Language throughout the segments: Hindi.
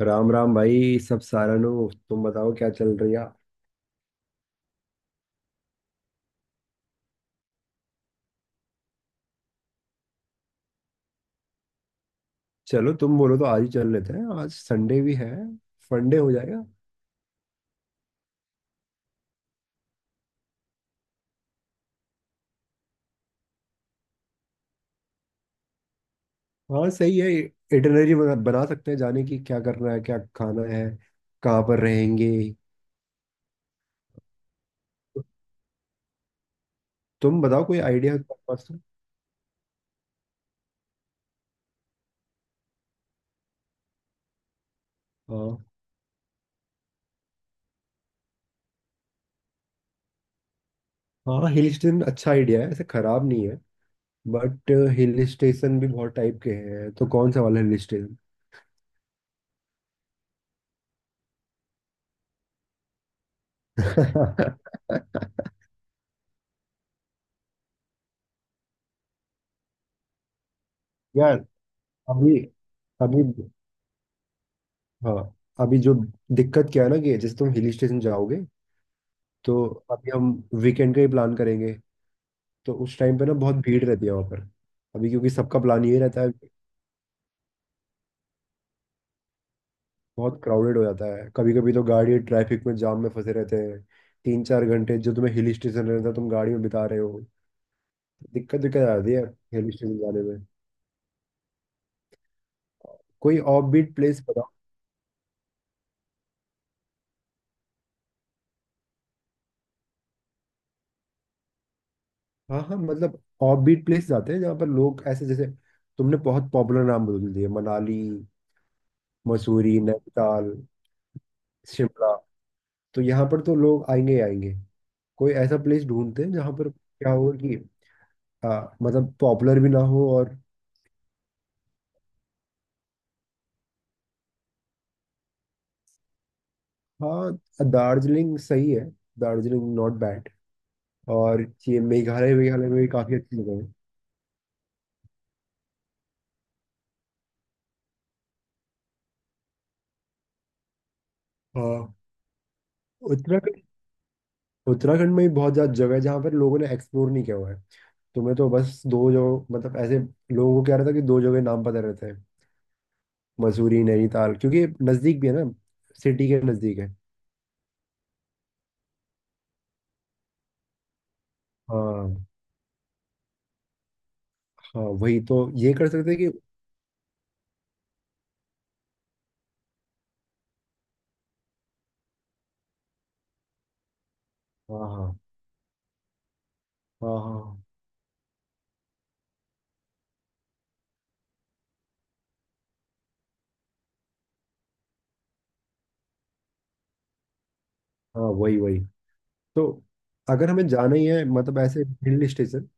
राम राम भाई। सब सारानु तुम बताओ क्या चल रही है। चलो तुम बोलो तो आज ही चल लेते हैं। आज संडे भी है। फंडे हो जाएगा। हाँ सही है। इटिनरी बना सकते हैं। जाने की क्या करना है, क्या खाना है, कहाँ पर रहेंगे। तुम बताओ कोई आइडिया है तुम्हारे पास तो? हाँ, हाँ। हिल स्टेशन अच्छा आइडिया है, ऐसे खराब नहीं है। बट हिल स्टेशन भी बहुत टाइप के हैं, तो कौन सा वाला हिल स्टेशन। यार, अभी, अभी, हाँ। अभी जो दिक्कत क्या है ना कि जैसे तुम हिल स्टेशन जाओगे तो। अभी हम वीकेंड का ही प्लान करेंगे, तो उस टाइम पे ना बहुत भीड़ रहती है वहाँ पर। अभी क्योंकि सबका प्लान ये रहता है। बहुत क्राउडेड हो जाता है, कभी कभी तो गाड़ी ट्रैफिक में, जाम में फंसे रहते हैं। 3 4 घंटे जो तुम्हें हिल स्टेशन रहता है, तुम गाड़ी में बिता रहे हो। दिक्कत दिक्कत आ जाती है हिल स्टेशन जाने में। कोई ऑफबीट प्लेस बताओ। हाँ, हाँ, मतलब ऑफबीट प्लेस जाते हैं जहाँ पर लोग ऐसे जैसे, तुमने बहुत पॉपुलर नाम बोल दिए। मनाली, मसूरी, नैनीताल, शिमला। तो यहाँ पर तो लोग आएंगे ही आएंगे। कोई ऐसा प्लेस ढूंढते हैं जहाँ पर क्या हो कि आ, मतलब पॉपुलर भी ना हो और। हाँ। दार्जिलिंग सही है। Darjeeling not bad. और ये मेघालय वेघालय में भी काफी अच्छी जगह है। हाँ, उत्तराखंड। उत्तराखंड में भी बहुत ज्यादा जगह है जहाँ पर लोगों ने एक्सप्लोर नहीं किया हुआ है। तुम्हें तो बस दो जगह मतलब ऐसे, लोगों को क्या रहता है कि दो जगह नाम पता रहते हैं। मसूरी नैनीताल क्योंकि नजदीक भी है ना, सिटी के नजदीक है। हाँ, हाँ, वही। तो ये कर सकते हैं कि, हाँ, हाँ, हाँ, हाँ, हाँ, वही, वही। तो अगर हमें जाना ही है मतलब ऐसे हिल स्टेशन।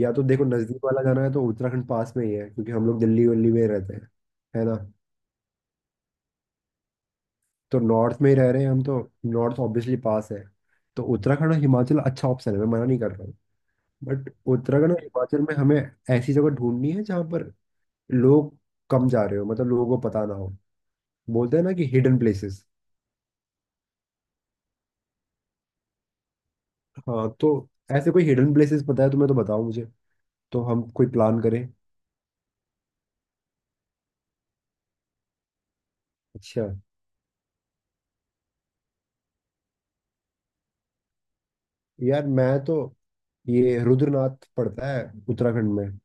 या तो देखो, नज़दीक वाला जाना है तो उत्तराखंड पास में ही है, क्योंकि हम लोग दिल्ली वल्ली में रहते हैं, है ना। तो नॉर्थ में ही रह रहे हैं हम तो। नॉर्थ ऑब्वियसली पास है। तो उत्तराखंड और हिमाचल अच्छा ऑप्शन है, मैं मना नहीं कर रहा हूँ। बट उत्तराखंड और हिमाचल में हमें ऐसी जगह ढूंढनी है जहाँ पर लोग कम जा रहे हो, मतलब लोगों को पता ना हो। बोलते हैं ना कि हिडन प्लेसेस। हाँ तो ऐसे कोई हिडन प्लेसेस पता है तुम्हें तो बताओ मुझे, तो हम कोई प्लान करें। अच्छा। यार मैं तो, ये रुद्रनाथ पड़ता है उत्तराखंड में।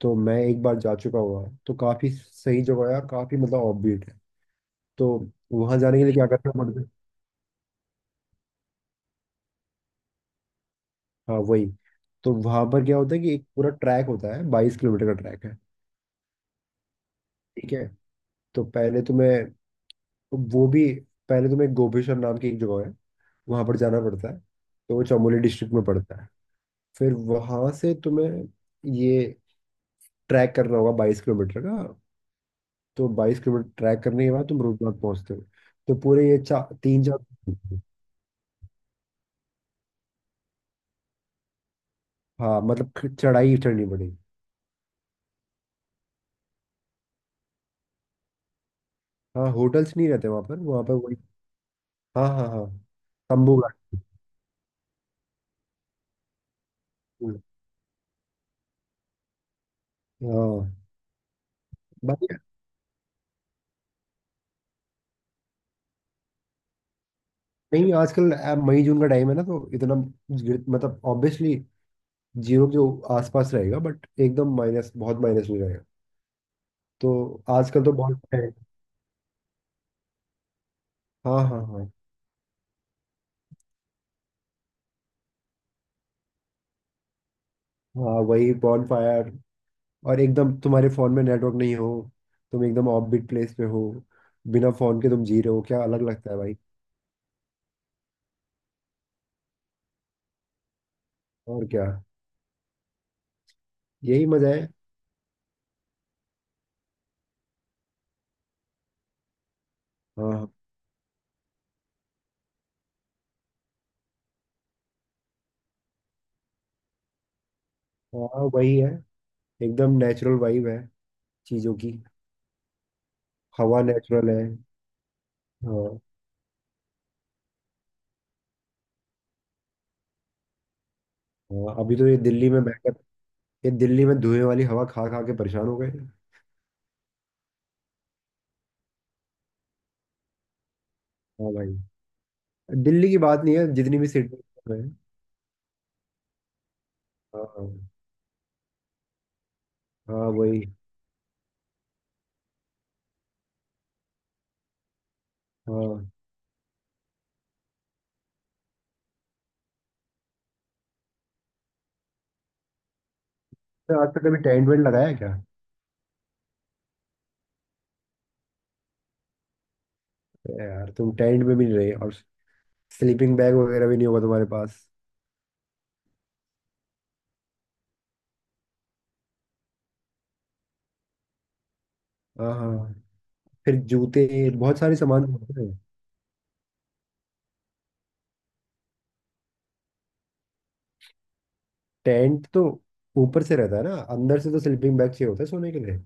तो मैं एक बार जा चुका हुआ, तो काफी सही जगह है और काफी मतलब ऑफबीट है। तो वहां जाने के लिए क्या करना पड़ता है। हाँ वही। तो वहां पर क्या होता है कि एक पूरा ट्रैक होता है, 22 किलोमीटर का ट्रैक है। ठीक है। तो पहले तुम्हें, वो भी, पहले तुम्हें गोपेश्वर नाम की एक जगह है, वहां पर जाना पड़ता है। तो वो चमोली डिस्ट्रिक्ट में पड़ता है। फिर वहां से तुम्हें ये ट्रैक करना होगा, 22 किलोमीटर का। तो 22 किलोमीटर ट्रैक करने के बाद तुम रूपनाथ पहुंचते हो। तो पूरे ये तीन चार। हाँ, मतलब चढ़ाई ही चढ़नी पड़ेगी। हाँ, होटल्स नहीं रहते वहाँ पर। वहाँ पर वही। हाँ, हाँ, हाँ। तंबू गाड़ी। हाँ। बाकी। नहीं, आजकल मई जून का टाइम है ना, तो इतना मतलब ऑब्वियसली जीरो के जो आसपास रहेगा, बट एकदम माइनस, बहुत माइनस नहीं रहेगा। तो आजकल तो बहुत है। हाँ, हाँ, हाँ। हाँ वही बॉन फायर। और एकदम तुम्हारे फोन में नेटवर्क नहीं हो, तुम एकदम ऑफबीट प्लेस पे हो, बिना फोन के तुम जी रहे हो, क्या अलग लगता है भाई। और क्या। यही मजा है। हाँ, हाँ वही है। एकदम नेचुरल वाइब है चीजों की। हवा नेचुरल है। हाँ। हाँ अभी तो ये दिल्ली में बैठकर, ये दिल्ली में धुएं वाली हवा खा खा के परेशान हो गए। हाँ भाई। दिल्ली की बात नहीं है, जितनी भी सिटी है। हाँ, हाँ, हाँ, वही। हाँ तो आज तक कभी टेंट वेंट लगाया है क्या। अरे यार, तुम टेंट में भी नहीं रहे और स्लीपिंग बैग वगैरह भी नहीं होगा तुम्हारे पास। हाँ, हाँ। फिर जूते, बहुत सारे सामान होते हैं। टेंट तो ऊपर से रहता है ना, अंदर से तो स्लीपिंग बैग चाहिए होता है सोने के लिए।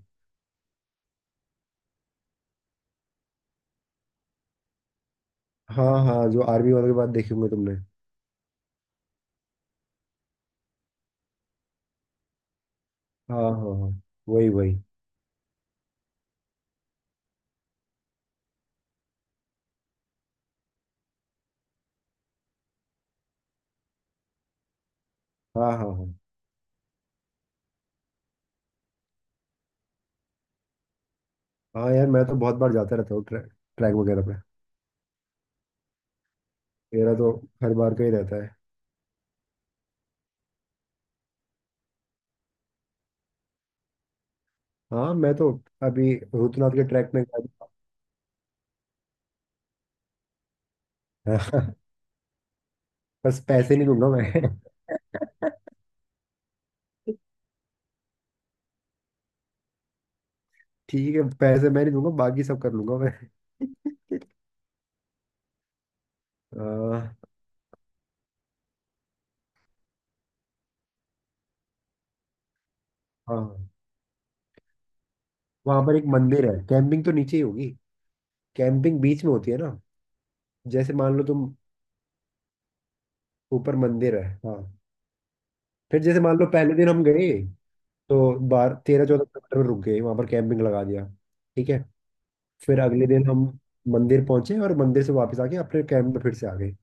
हाँ, हाँ, जो आर्मी वालों के बाद देखे होंगे तुमने। हाँ, हाँ, हाँ, वही वही। हाँ, हाँ, हाँ, हाँ। यार मैं तो बहुत बार जाता रहता हूँ ट्रैक ट्रैक वगैरह पे। मेरा तो हर बार का ही रहता है। हाँ, मैं तो अभी रुद्रनाथ के ट्रैक में गया था। बस पैसे नहीं दूंगा मैं। ठीक है, पैसे मैं नहीं दूंगा, बाकी सब कर लूंगा मैं। आ, हाँ, वहां पर एक मंदिर है, कैंपिंग तो नीचे ही होगी। कैंपिंग बीच में होती है ना। जैसे मान लो तुम, ऊपर मंदिर है, हाँ। फिर जैसे मान लो पहले दिन हम गए, तो 12 13 14 किलोमीटर में रुक गए, वहां पर कैंपिंग लगा दिया। ठीक है। फिर अगले दिन हम मंदिर पहुंचे और मंदिर से वापस आके अपने कैंप में फिर से आ गए।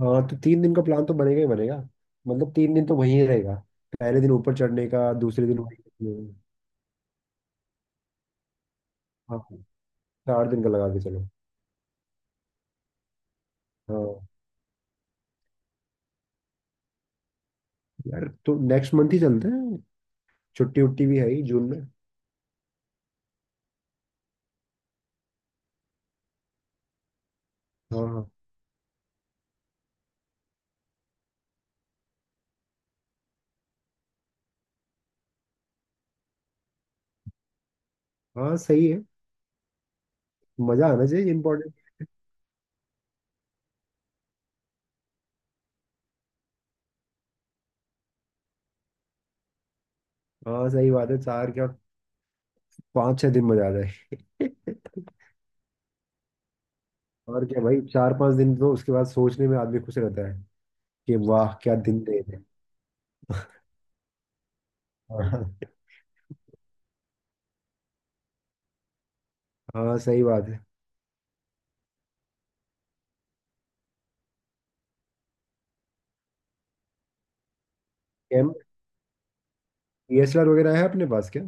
हाँ तो 3 दिन का प्लान तो बनेगा ही बनेगा। मतलब 3 दिन तो वहीं रहेगा। पहले दिन ऊपर चढ़ने का, दूसरे दिन वहीं। हाँ, 4 दिन का लगा के चलो। हाँ यार, तो नेक्स्ट मंथ ही चलते हैं। छुट्टी उट्टी भी है ही जून में। हाँ, हाँ, हाँ, सही है। मजा आना चाहिए इम्पोर्टेंट। हाँ सही बात है। चार क्या, 5 6 दिन मजा आ जाए। और क्या भाई, 4 5 दिन तो उसके बाद सोचने में आदमी खुश रहता है कि वाह क्या दिन थे। हाँ। हाँ सही बात है। कैम, डीएसएलआर वगैरह है अपने पास क्या।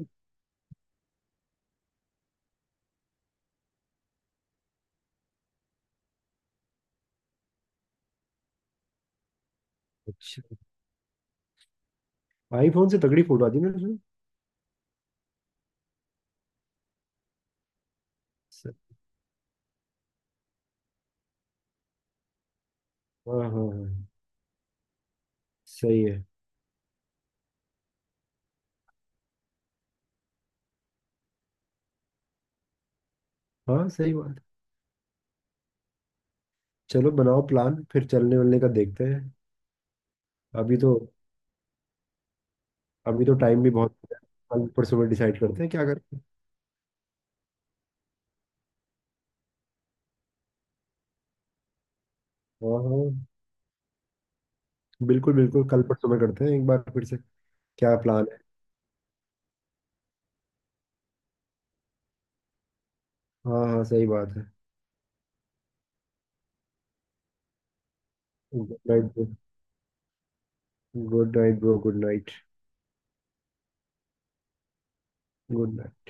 अच्छा। आईफोन से तगड़ी फोटो आती है मेरे उसमें। स- हाँ, हाँ, हाँ, सही है। हाँ सही बात है। चलो बनाओ प्लान, फिर चलने वलने का देखते हैं। अभी तो अभी तो टाइम भी बहुत है। कल परसों में डिसाइड करते हैं क्या करते हैं। हाँ, हाँ, बिल्कुल, बिल्कुल, कल परसों में करते हैं एक बार फिर से। क्या प्लान है। हाँ, हाँ, सही बात है। Good night bro. Good night bro, good night. Good night.